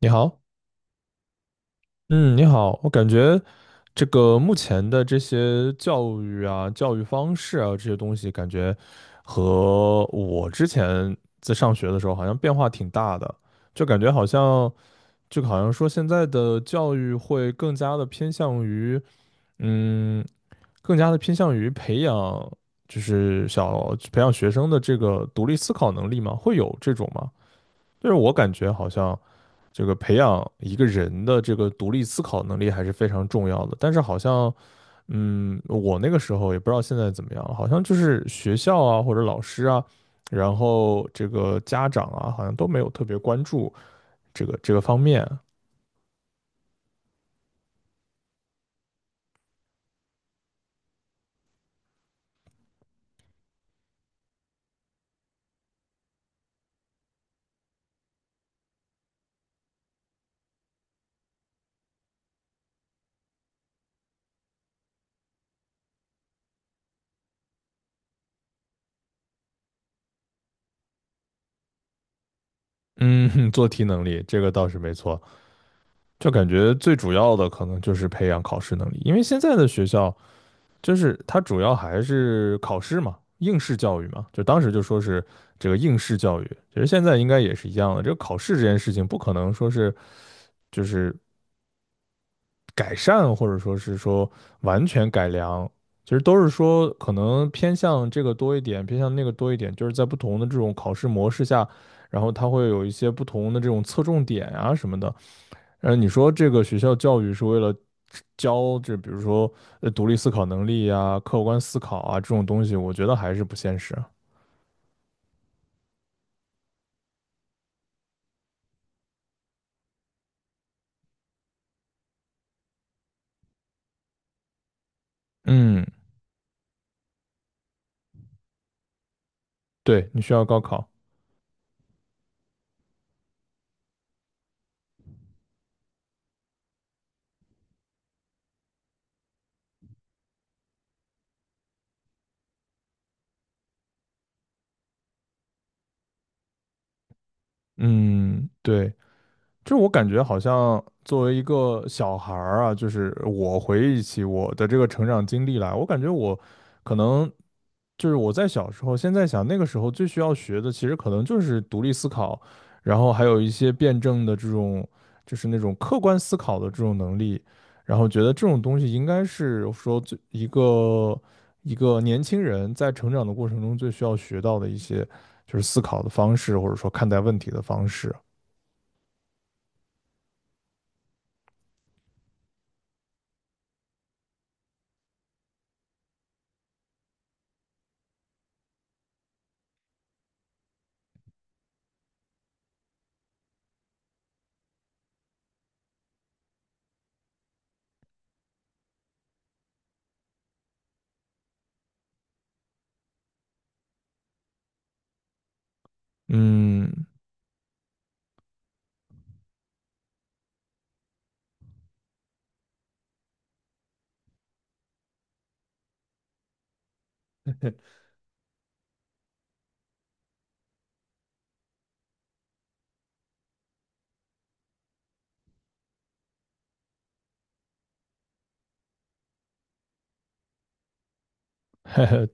你好。嗯，你好，我感觉这个目前的这些教育啊、教育方式啊这些东西，感觉和我之前在上学的时候好像变化挺大的，就感觉好像就好像说现在的教育会更加的偏向于，嗯，更加的偏向于培养就是培养学生的这个独立思考能力嘛，会有这种吗？就是我感觉好像。这个培养一个人的这个独立思考能力还是非常重要的。但是好像，我那个时候也不知道现在怎么样，了，好像就是学校啊或者老师啊，然后这个家长啊，好像都没有特别关注这个方面。嗯，做题能力这个倒是没错，就感觉最主要的可能就是培养考试能力，因为现在的学校就是它主要还是考试嘛，应试教育嘛，就当时就说是这个应试教育，其实现在应该也是一样的。这个考试这件事情不可能说是就是改善，或者说是说完全改良，其实都是说可能偏向这个多一点，偏向那个多一点，就是在不同的这种考试模式下，然后它会有一些不同的这种侧重点啊什么的。你说这个学校教育是为了教这，比如说独立思考能力啊、客观思考啊这种东西，我觉得还是不现实。嗯，对，你需要高考。嗯，对。就我感觉好像作为一个小孩儿啊，就是我回忆起我的这个成长经历来，我感觉我可能就是我在小时候，现在想那个时候最需要学的，其实可能就是独立思考，然后还有一些辩证的这种，就是那种客观思考的这种能力，然后觉得这种东西应该是说最一个一个年轻人在成长的过程中最需要学到的一些，就是思考的方式，或者说看待问题的方式。嗯，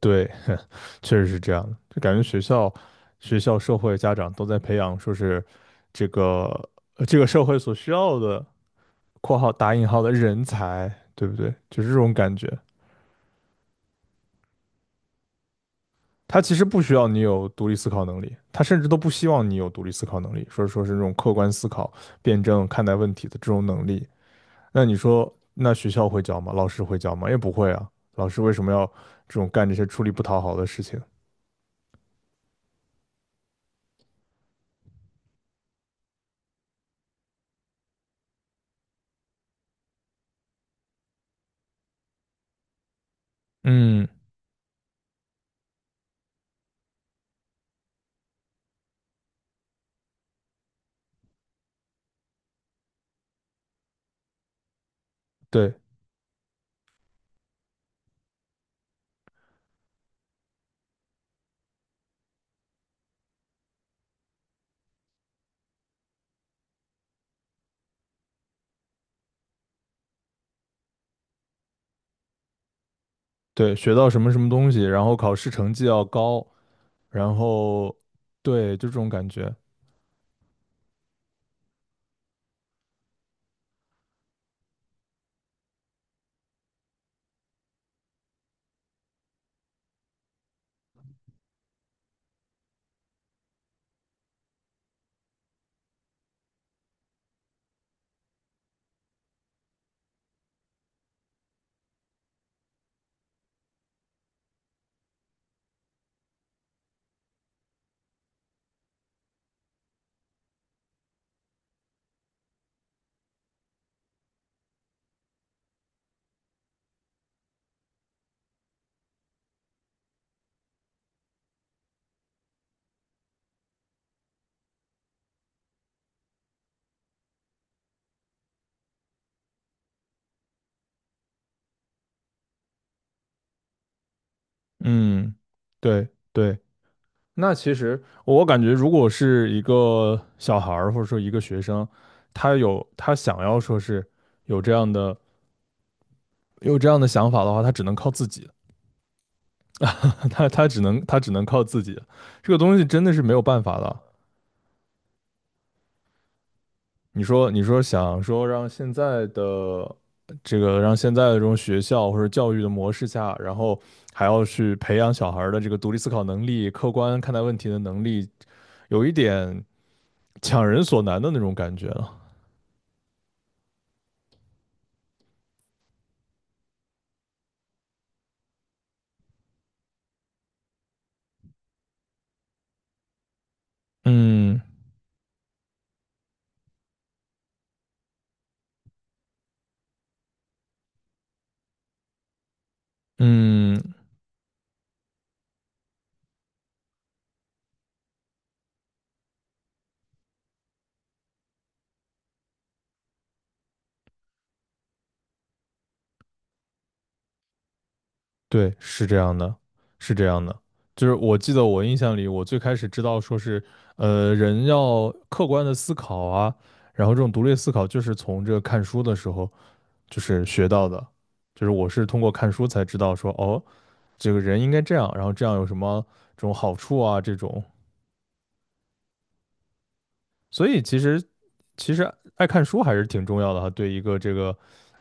对，确实是这样的。就感觉学校、学校、社会、家长都在培养，说是这个这个社会所需要的（括号打引号的人才），对不对？就是这种感觉。他其实不需要你有独立思考能力，他甚至都不希望你有独立思考能力，说说是那种客观思考、辩证看待问题的这种能力。那你说，那学校会教吗？老师会教吗？也不会啊。老师为什么要这种干这些出力不讨好的事情？嗯，对。对，学到什么什么东西，然后考试成绩要高，然后对，就这种感觉。嗯，对对。那其实我感觉，如果是一个小孩儿或者说一个学生，他有他想要说是有这样的想法的话，他只能靠自己，他只能只能靠自己，这个东西真的是没有办法的。你说，你说想说让现在的这个让现在的这种学校或者教育的模式下，然后还要去培养小孩儿的这个独立思考能力、客观看待问题的能力，有一点强人所难的那种感觉了。嗯嗯，对，是这样的，是这样的。就是我记得我印象里，我最开始知道说是，人要客观的思考啊，然后这种独立思考就是从这个看书的时候。就是学到的，就是我是通过看书才知道说，哦，这个人应该这样，然后这样有什么这种好处啊，这种，所以其实爱看书还是挺重要的哈，对一个这个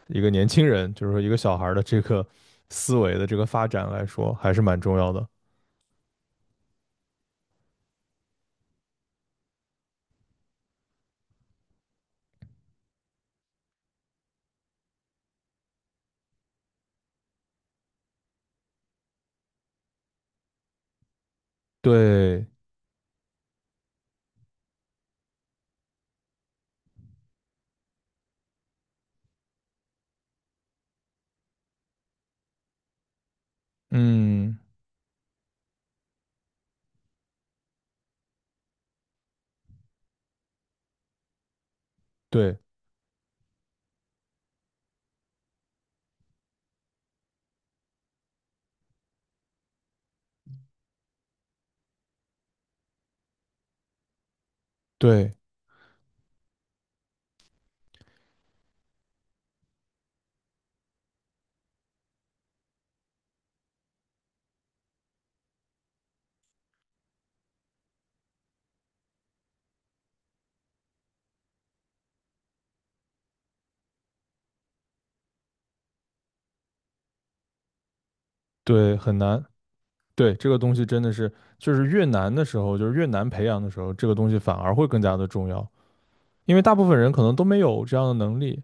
一个年轻人，就是说一个小孩儿的这个思维的这个发展来说，还是蛮重要的。对，嗯，对对对，很难。对，这个东西真的是，就是越难的时候，就是越难培养的时候，这个东西反而会更加的重要，因为大部分人可能都没有这样的能力。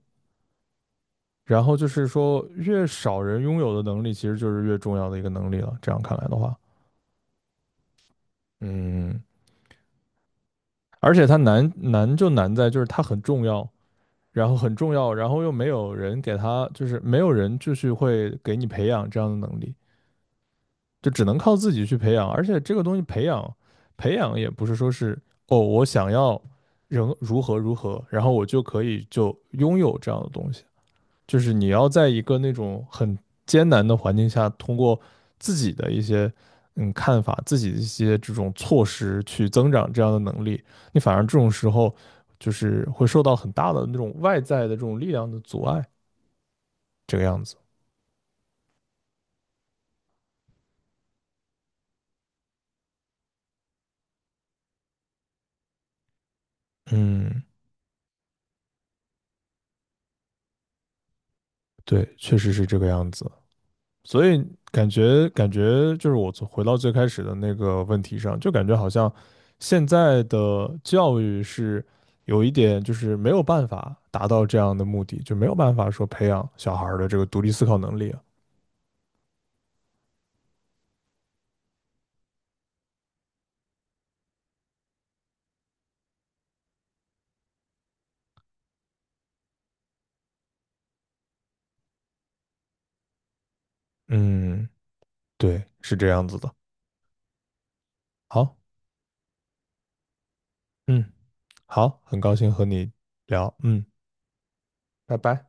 然后就是说，越少人拥有的能力，其实就是越重要的一个能力了。这样看来的话，嗯，而且它难就难在就是它很重要，然后很重要，然后又没有人给它，就是没有人就是会给你培养这样的能力，就只能靠自己去培养。而且这个东西培养也不是说是哦，我想要人如何如何，然后我就可以就拥有这样的东西。就是你要在一个那种很艰难的环境下，通过自己的一些看法、自己的一些这种措施去增长这样的能力，你反而这种时候就是会受到很大的那种外在的这种力量的阻碍，这个样子。嗯，对，确实是这个样子。所以感觉就是我从回到最开始的那个问题上，就感觉好像现在的教育是有一点就是没有办法达到这样的目的，就没有办法说培养小孩儿的这个独立思考能力啊。嗯，对，是这样子的。好，嗯，好，很高兴和你聊，嗯，拜拜。